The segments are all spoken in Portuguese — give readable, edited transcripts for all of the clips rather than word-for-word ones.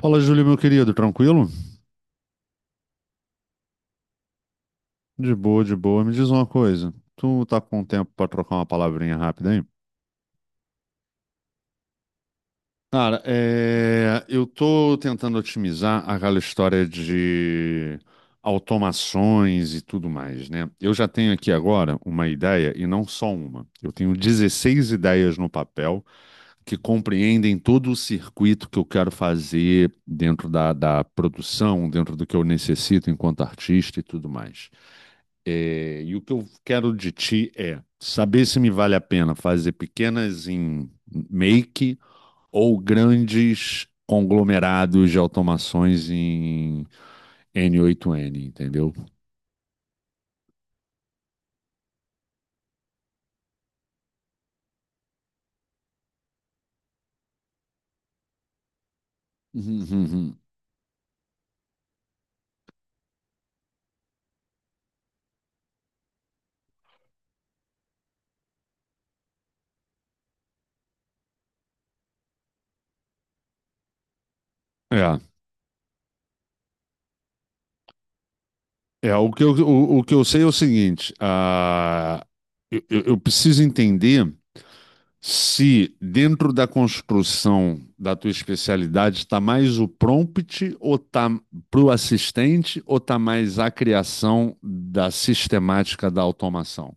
Fala, Júlio, meu querido, tranquilo? De boa, de boa. Me diz uma coisa. Tu tá com tempo pra trocar uma palavrinha rápida aí? Cara, eu tô tentando otimizar aquela história de automações e tudo mais, né? Eu já tenho aqui agora uma ideia e não só uma. Eu tenho 16 ideias no papel que compreendem todo o circuito que eu quero fazer dentro da produção, dentro do que eu necessito enquanto artista e tudo mais. É, e o que eu quero de ti é saber se me vale a pena fazer pequenas em make ou grandes conglomerados de automações em N8N, entendeu? Uhum, uhum. É, é o que eu, o que eu sei é o seguinte. Eu preciso entender se dentro da construção da tua especialidade está mais o prompt ou tá para o assistente ou está mais a criação da sistemática da automação?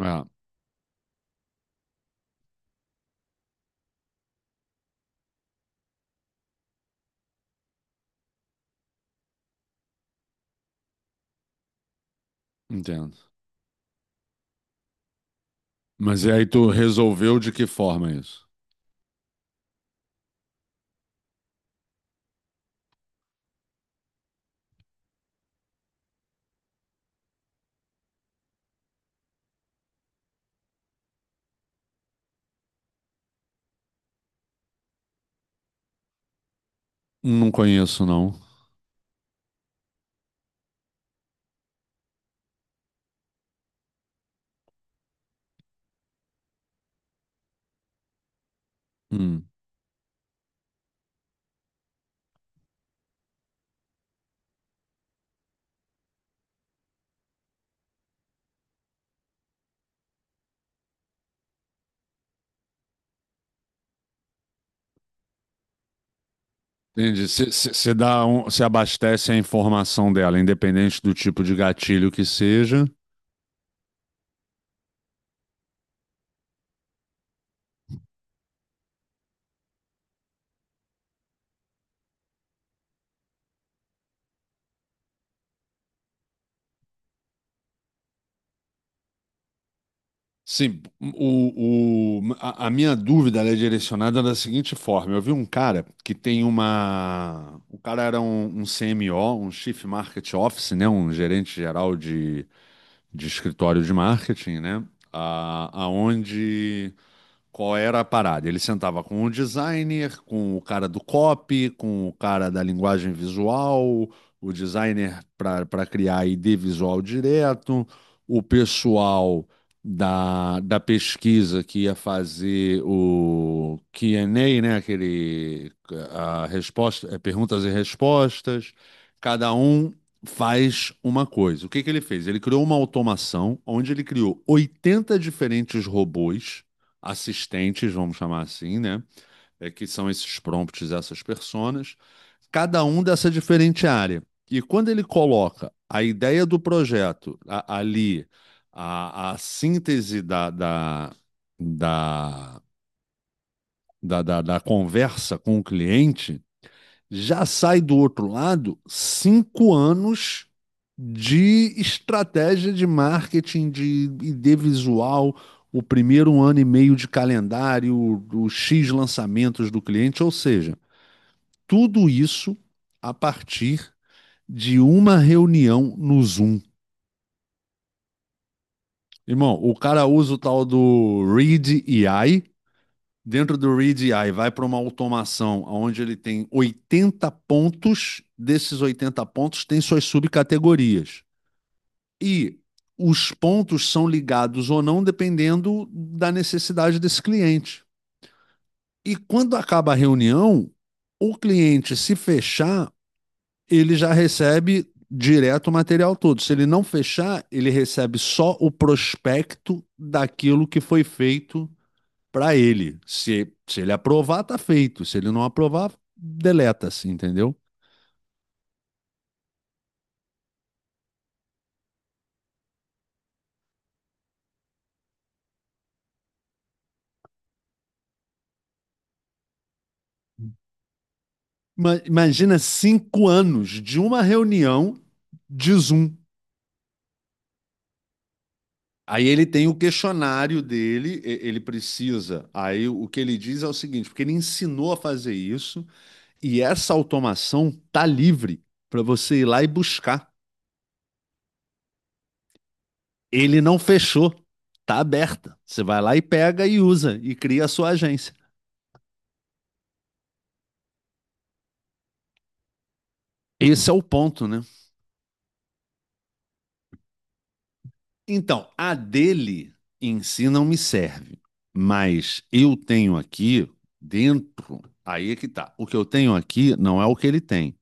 Ah, entendo. Mas e aí tu resolveu de que forma isso? Não conheço, não. Hum. Entendi. Você abastece a informação dela, independente do tipo de gatilho que seja. Sim, a minha dúvida ela é direcionada da seguinte forma. Eu vi um cara que tem uma. O cara era um CMO, um Chief Market Office, né? Um gerente geral de escritório de marketing, né? A, aonde Qual era a parada? Ele sentava com o designer, com o cara do copy, com o cara da linguagem visual, o designer para criar ID visual direto, o pessoal da pesquisa que ia fazer o Q&A, né? Aquele a resposta, é, perguntas e respostas. Cada um faz uma coisa. O que que ele fez? Ele criou uma automação onde ele criou 80 diferentes robôs assistentes, vamos chamar assim, né? É que são esses prompts, essas personas, cada um dessa diferente área. E quando ele coloca a ideia do projeto ali, a síntese da, da conversa com o cliente, já sai do outro lado 5 anos de estratégia de marketing, de ID visual, o primeiro ano e meio de calendário, os X lançamentos do cliente, ou seja, tudo isso a partir de uma reunião no Zoom. Irmão, o cara usa o tal do Read AI dentro do READI vai para uma automação onde ele tem 80 pontos, desses 80 pontos tem suas subcategorias. E os pontos são ligados ou não dependendo da necessidade desse cliente. E quando acaba a reunião, o cliente se fechar, ele já recebe direto o material todo. Se ele não fechar, ele recebe só o prospecto daquilo que foi feito para ele. Se ele aprovar, tá feito. Se ele não aprovar, deleta-se, entendeu? Imagina 5 anos de uma reunião de Zoom. Aí ele tem o questionário dele, ele precisa. Aí o que ele diz é o seguinte, porque ele ensinou a fazer isso e essa automação tá livre para você ir lá e buscar. Ele não fechou, tá aberta. Você vai lá e pega e usa e cria a sua agência. Esse é o ponto, né? Então, a dele em si não me serve, mas eu tenho aqui dentro, aí é que tá. O que eu tenho aqui não é o que ele tem,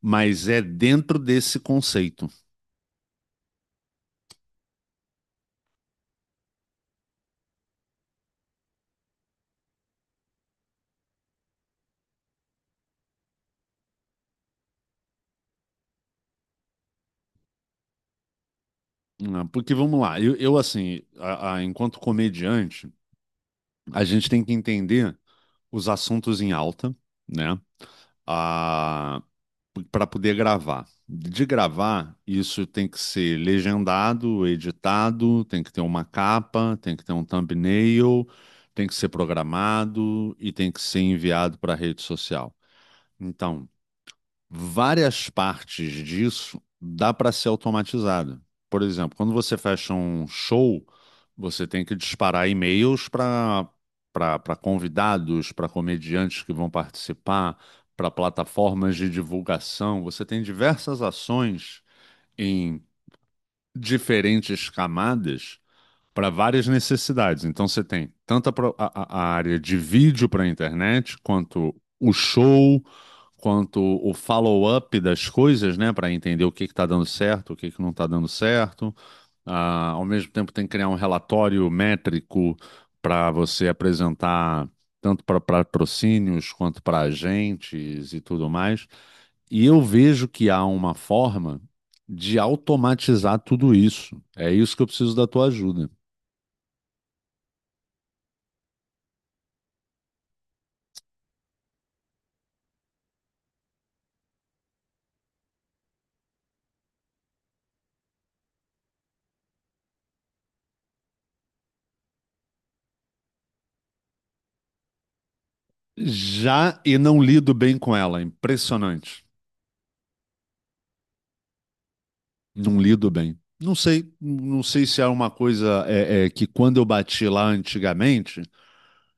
mas é dentro desse conceito. Né? Porque vamos lá, eu, assim, enquanto comediante, a gente tem que entender os assuntos em alta, né? Ah, para poder gravar. De gravar, isso tem que ser legendado, editado, tem que ter uma capa, tem que ter um thumbnail, tem que ser programado e tem que ser enviado para a rede social. Então, várias partes disso dá para ser automatizado. Por exemplo, quando você fecha um show, você tem que disparar e-mails para convidados, para comediantes que vão participar, para plataformas de divulgação. Você tem diversas ações em diferentes camadas para várias necessidades. Então você tem tanto a, pro- a- área de vídeo para a internet, quanto o show, quanto o follow-up das coisas, né, para entender o que está dando certo, o que que não está dando certo. Ah, ao mesmo tempo tem que criar um relatório métrico para você apresentar tanto para patrocínios quanto para agentes e tudo mais. E eu vejo que há uma forma de automatizar tudo isso. É isso que eu preciso da tua ajuda. Já e não lido bem com ela. Impressionante. Não lido bem. Não sei, não sei se é uma coisa, que quando eu bati lá antigamente,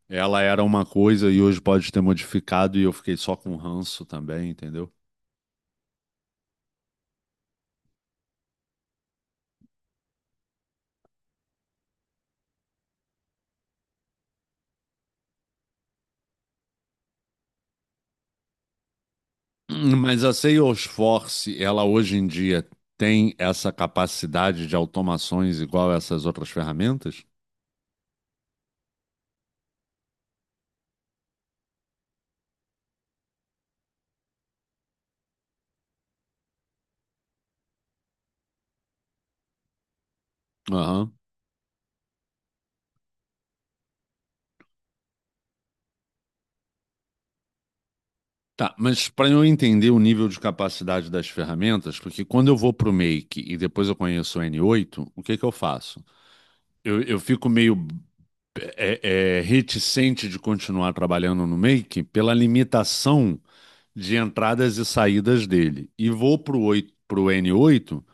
ela era uma coisa e hoje pode ter modificado e eu fiquei só com ranço também, entendeu? Mas a Salesforce, ela hoje em dia tem essa capacidade de automações igual a essas outras ferramentas? Aham. Tá, mas para eu entender o nível de capacidade das ferramentas, porque quando eu vou para o Make e depois eu conheço o N8, o que que eu faço? Eu fico meio reticente de continuar trabalhando no Make pela limitação de entradas e saídas dele. E vou para o N8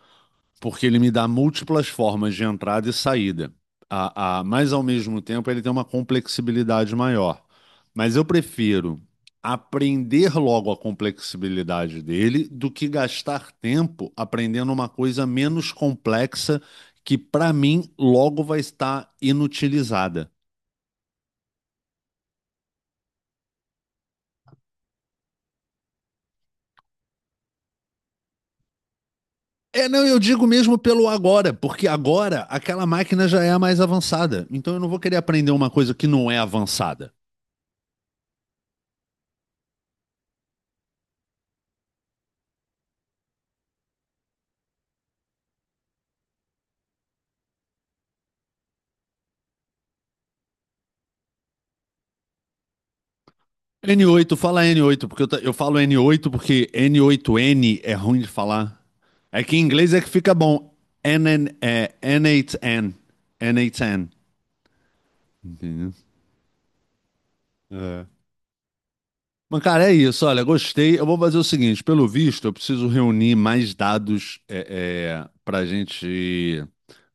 porque ele me dá múltiplas formas de entrada e saída. Mas ao mesmo tempo ele tem uma complexibilidade maior. Mas eu prefiro aprender logo a complexibilidade dele do que gastar tempo aprendendo uma coisa menos complexa que para mim logo vai estar inutilizada. É, não, eu digo mesmo pelo agora, porque agora aquela máquina já é a mais avançada. Então eu não vou querer aprender uma coisa que não é avançada. N8, fala N8, porque eu falo N8 porque N8N é ruim de falar. É que em inglês é que fica bom. N8N. N8N. Entendeu? É. Mas, cara, é isso. Olha, gostei. Eu vou fazer o seguinte: pelo visto, eu preciso reunir mais dados, pra gente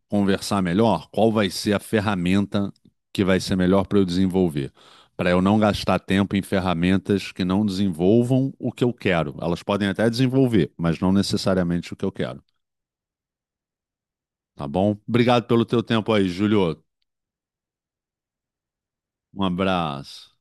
conversar melhor, qual vai ser a ferramenta que vai ser melhor para eu desenvolver. Para eu não gastar tempo em ferramentas que não desenvolvam o que eu quero. Elas podem até desenvolver, mas não necessariamente o que eu quero. Tá bom? Obrigado pelo teu tempo aí, Júlio. Um abraço.